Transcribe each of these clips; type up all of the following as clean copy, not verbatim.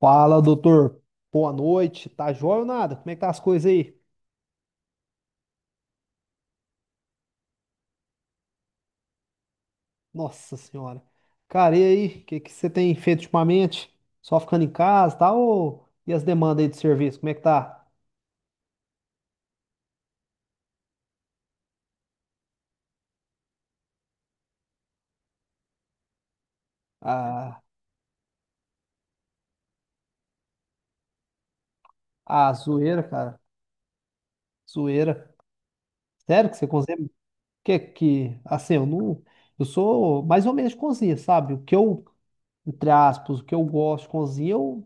Fala, doutor. Boa noite. Tá jóia ou nada? Como é que tá as coisas aí? Nossa senhora. Cara, e aí? O que que você tem feito ultimamente? Só ficando em casa, tá? Ou... E as demandas aí de serviço? Como é que tá? Ah, ah, zoeira, cara. Zoeira. Sério que você cozinha? Que... Assim, eu não... Eu sou mais ou menos de cozinha, sabe? O que eu, entre aspas, o que eu gosto de cozinha, eu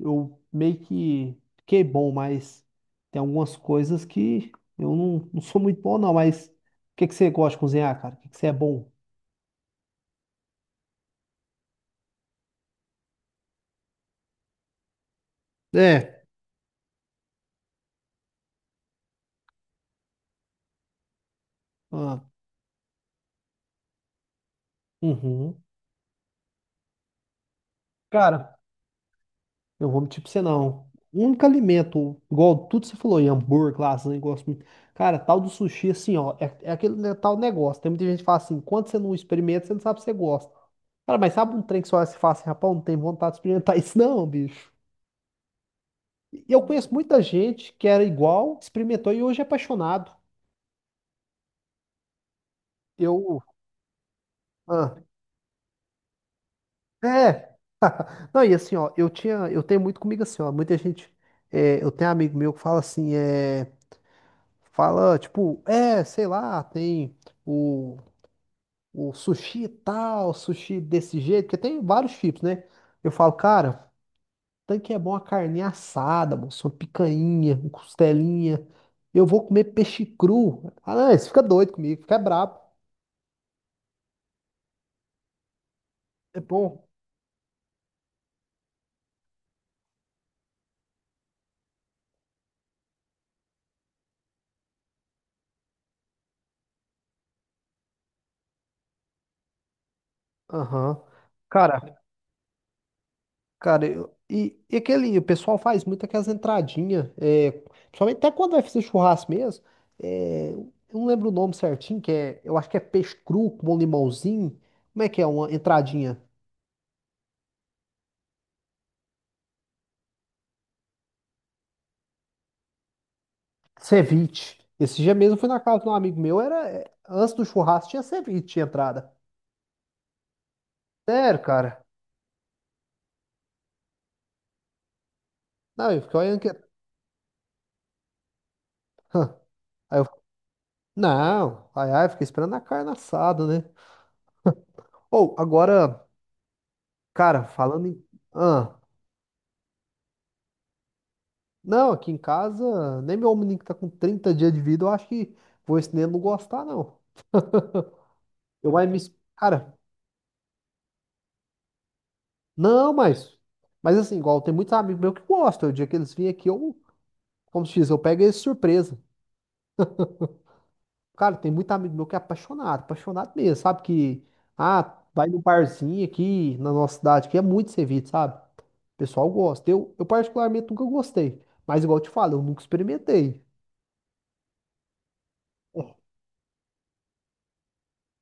eu meio que fiquei bom, mas tem algumas coisas que eu não, não sou muito bom, não. Mas o que que você gosta de cozinhar, cara? O que que você é bom? É, ah, uhum. Cara, eu vou mentir pra você não. O único alimento, igual tudo que você falou, aí, hambúrguer, lasanha, eu gosto muito. Cara, tal do sushi, assim, ó, é, é aquele né, tal negócio. Tem muita gente que fala assim, quando você não experimenta, você não sabe se você gosta. Cara, mas sabe um trem que só se fala assim, rapaz, não tem vontade de experimentar isso não, bicho. E eu conheço muita gente que era igual, experimentou e hoje é apaixonado. Eu. Ah, é. Não, e assim, ó, eu tinha, eu tenho muito comigo assim, ó, muita gente, é, eu tenho amigo meu que fala assim, é, fala, tipo, é, sei lá, tem o, o sushi tal, sushi desse jeito, porque tem vários tipos, né? Eu falo, cara, tanque é bom a carne assada, moço, uma picanha, uma costelinha, eu vou comer peixe cru. Ah, não, isso fica doido comigo, fica brabo, é bom. Aham. Cara, cara, e aquele, o pessoal faz muito aquelas entradinhas, é, principalmente até quando vai fazer churrasco mesmo, é, eu não lembro o nome certinho, que é, eu acho que é peixe cru com um limãozinho, como é que é uma entradinha? Ceviche. Esse dia mesmo eu fui na casa de um amigo meu, era, é, antes do churrasco tinha ceviche, tinha entrada. Sério, cara? Não, eu fiquei olhando que... Hã. Aí eu, não, ai, ai, fiquei esperando a carne assada, né? Ou, agora, cara, falando em... Ahn. Não, aqui em casa, nem meu menino que tá com 30 dias de vida, eu acho que vou esse neném não gostar, não. Eu vai me. Cara, não, mas. Mas assim, igual tem muitos amigos meus que gostam. O dia que eles vêm aqui, eu, como se diz, eu pego eles de surpresa. Cara, tem muito amigo meu que é apaixonado, apaixonado mesmo, sabe? Que, ah, vai no barzinho aqui na nossa cidade, que é muito servido, sabe? O pessoal gosta. Eu particularmente nunca gostei. Mas igual eu te falo, eu nunca experimentei.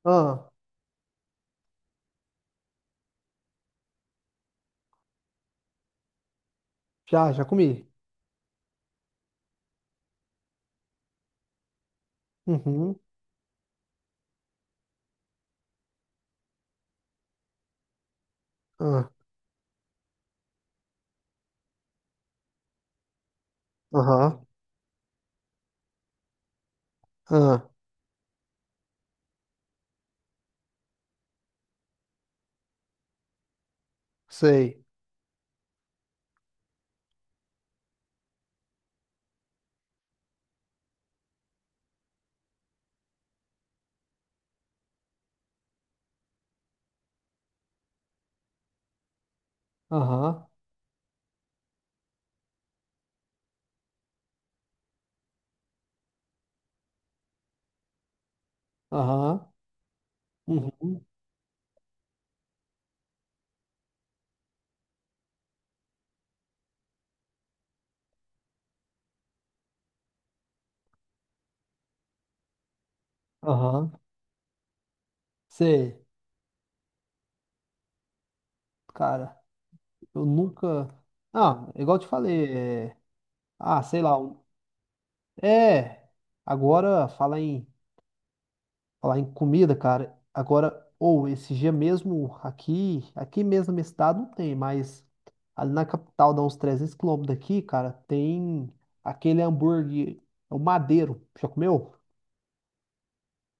Ah, já, já comi. Uhum. Ah, aham. Ah, sei. Aham, aham, uhum, aham, sei. Cara, eu nunca. Ah, igual eu te falei, é... ah, sei lá. É, agora falar em comida, cara. Agora, ou esse dia mesmo aqui, aqui mesmo no meu estado não tem, mas ali na capital, dá uns 300 quilômetros daqui, cara, tem aquele hambúrguer, é o Madeiro. Já comeu?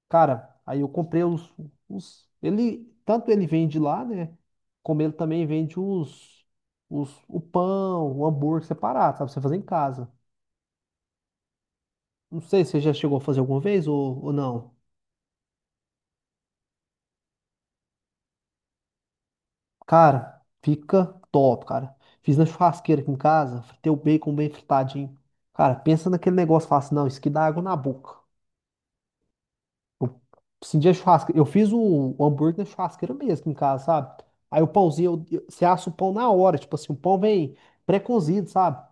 Cara, aí eu comprei os, ele tanto ele vende lá, né? Como ele também vende os, o pão, o hambúrguer separado, sabe? Pra você fazer em casa. Não sei se você já chegou a fazer alguma vez ou não. Cara, fica top, cara. Fiz na churrasqueira aqui em casa, fritei o bacon bem fritadinho. Cara, pensa naquele negócio, fala assim, não, isso aqui dá água na boca. Eu senti a churrasqueira. Eu fiz o hambúrguer na churrasqueira mesmo em casa, sabe? Aí o pãozinho, você assa o pão na hora, tipo assim, o pão vem pré-cozido, sabe?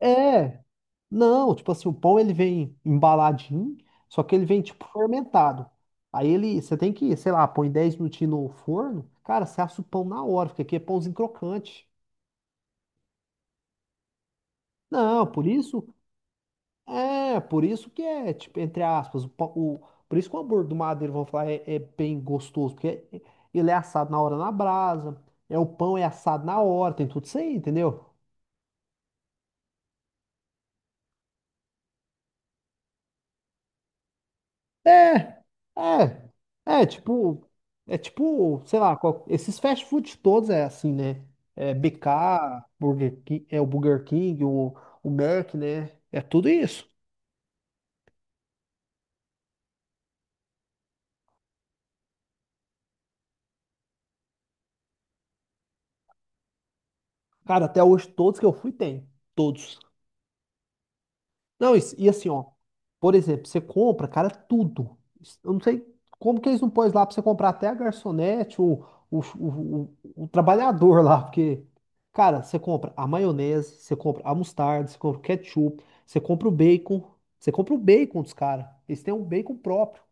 É, não, tipo assim, o pão ele vem embaladinho, só que ele vem tipo fermentado. Aí ele, você tem que, sei lá, põe 10 minutinhos no forno, cara, você assa o pão na hora, porque aqui é pãozinho crocante. Não, por isso, é, por isso que é, tipo, entre aspas, por isso que o hambúrguer do Madeira, vão falar, é, é bem gostoso, porque ele é assado na hora na brasa, é o pão é assado na hora, tem tudo isso aí, entendeu? É, é, é, tipo, é tipo, sei lá, qual- esses fast food todos é assim, né? É BK, Burger King, é o Burger King, o Mac, né? É tudo isso. Cara, até hoje todos que eu fui tem, todos. Não, isso- e assim, ó, por exemplo, você compra, cara, tudo. Eu não sei como que eles não põem lá pra você comprar até a garçonete, o trabalhador lá, porque, cara, você compra a maionese, você compra a mostarda, você compra o ketchup, você compra o bacon, você compra o bacon dos caras. Eles têm um bacon próprio,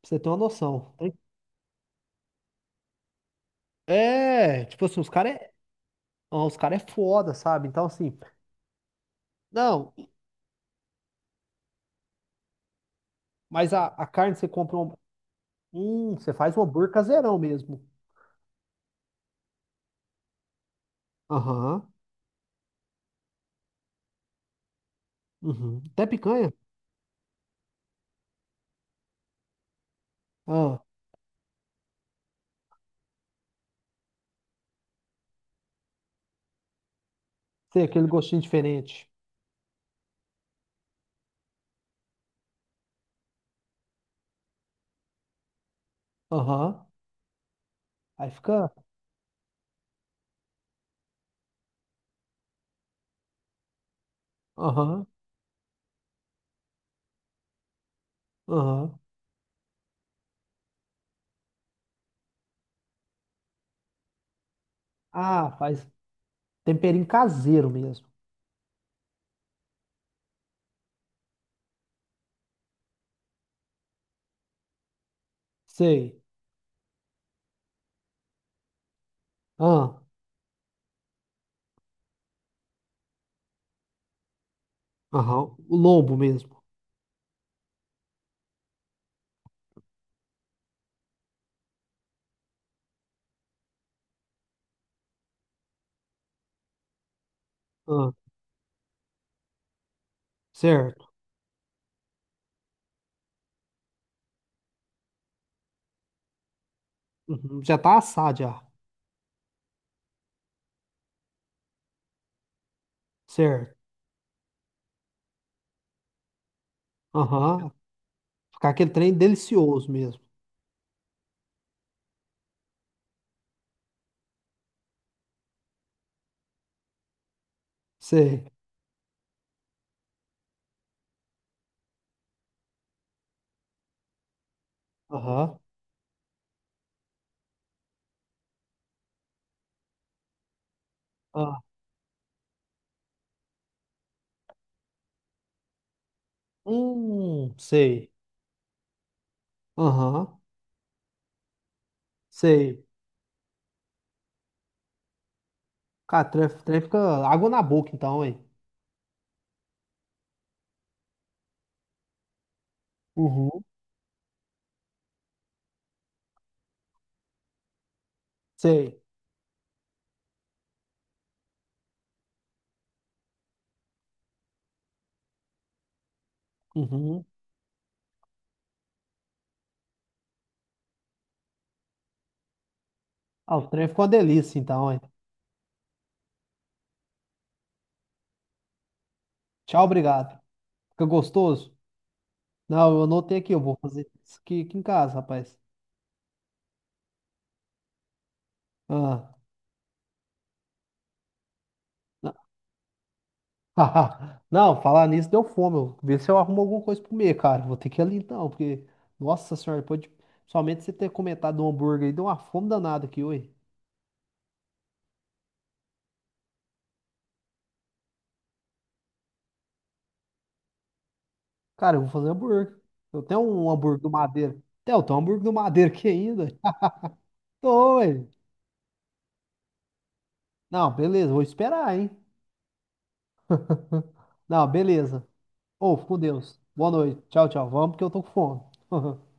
pra você ter uma noção. É, tipo assim, os caras é, os cara é foda, sabe? Então, assim, não, mas a carne você compra um, você faz um hambúrguer caseirão mesmo. Aham. Uhum. Até picanha? Ah, tem aquele gostinho diferente. Aham. Aí fica. Aham. Aham. Ah, faz temperinho caseiro mesmo. Sei. Ah, aham. O lombo mesmo. Ah, certo. Uhum. Já tá assado já. Certo. Aham. Ficar aquele trem delicioso mesmo. Sei. Aham. Ah. Sei. Aham. Sei. Cara, o trem fica água na boca então, hein? Uhum. Sei. Uhum. Ah, o trem ficou uma delícia, então, hein? Tchau, obrigado. Fica gostoso? Não, eu anotei aqui, eu vou fazer isso aqui, aqui em casa, rapaz. Ah, não, não, falar nisso deu fome. Eu vê se eu arrumo alguma coisa pra comer, cara. Vou ter que ir ali então, porque, nossa senhora, depois de... somente você ter comentado do hambúrguer aí, deu uma fome danada aqui, oi. Cara, eu vou fazer hambúrguer. Eu tenho um hambúrguer do Madeira. Tem, eu tenho um hambúrguer do Madeira aqui ainda. Tô, ué. Não, beleza, vou esperar, hein? Não, beleza. Ou, fico com Deus. Boa noite. Tchau, tchau. Vamos porque eu tô com fome.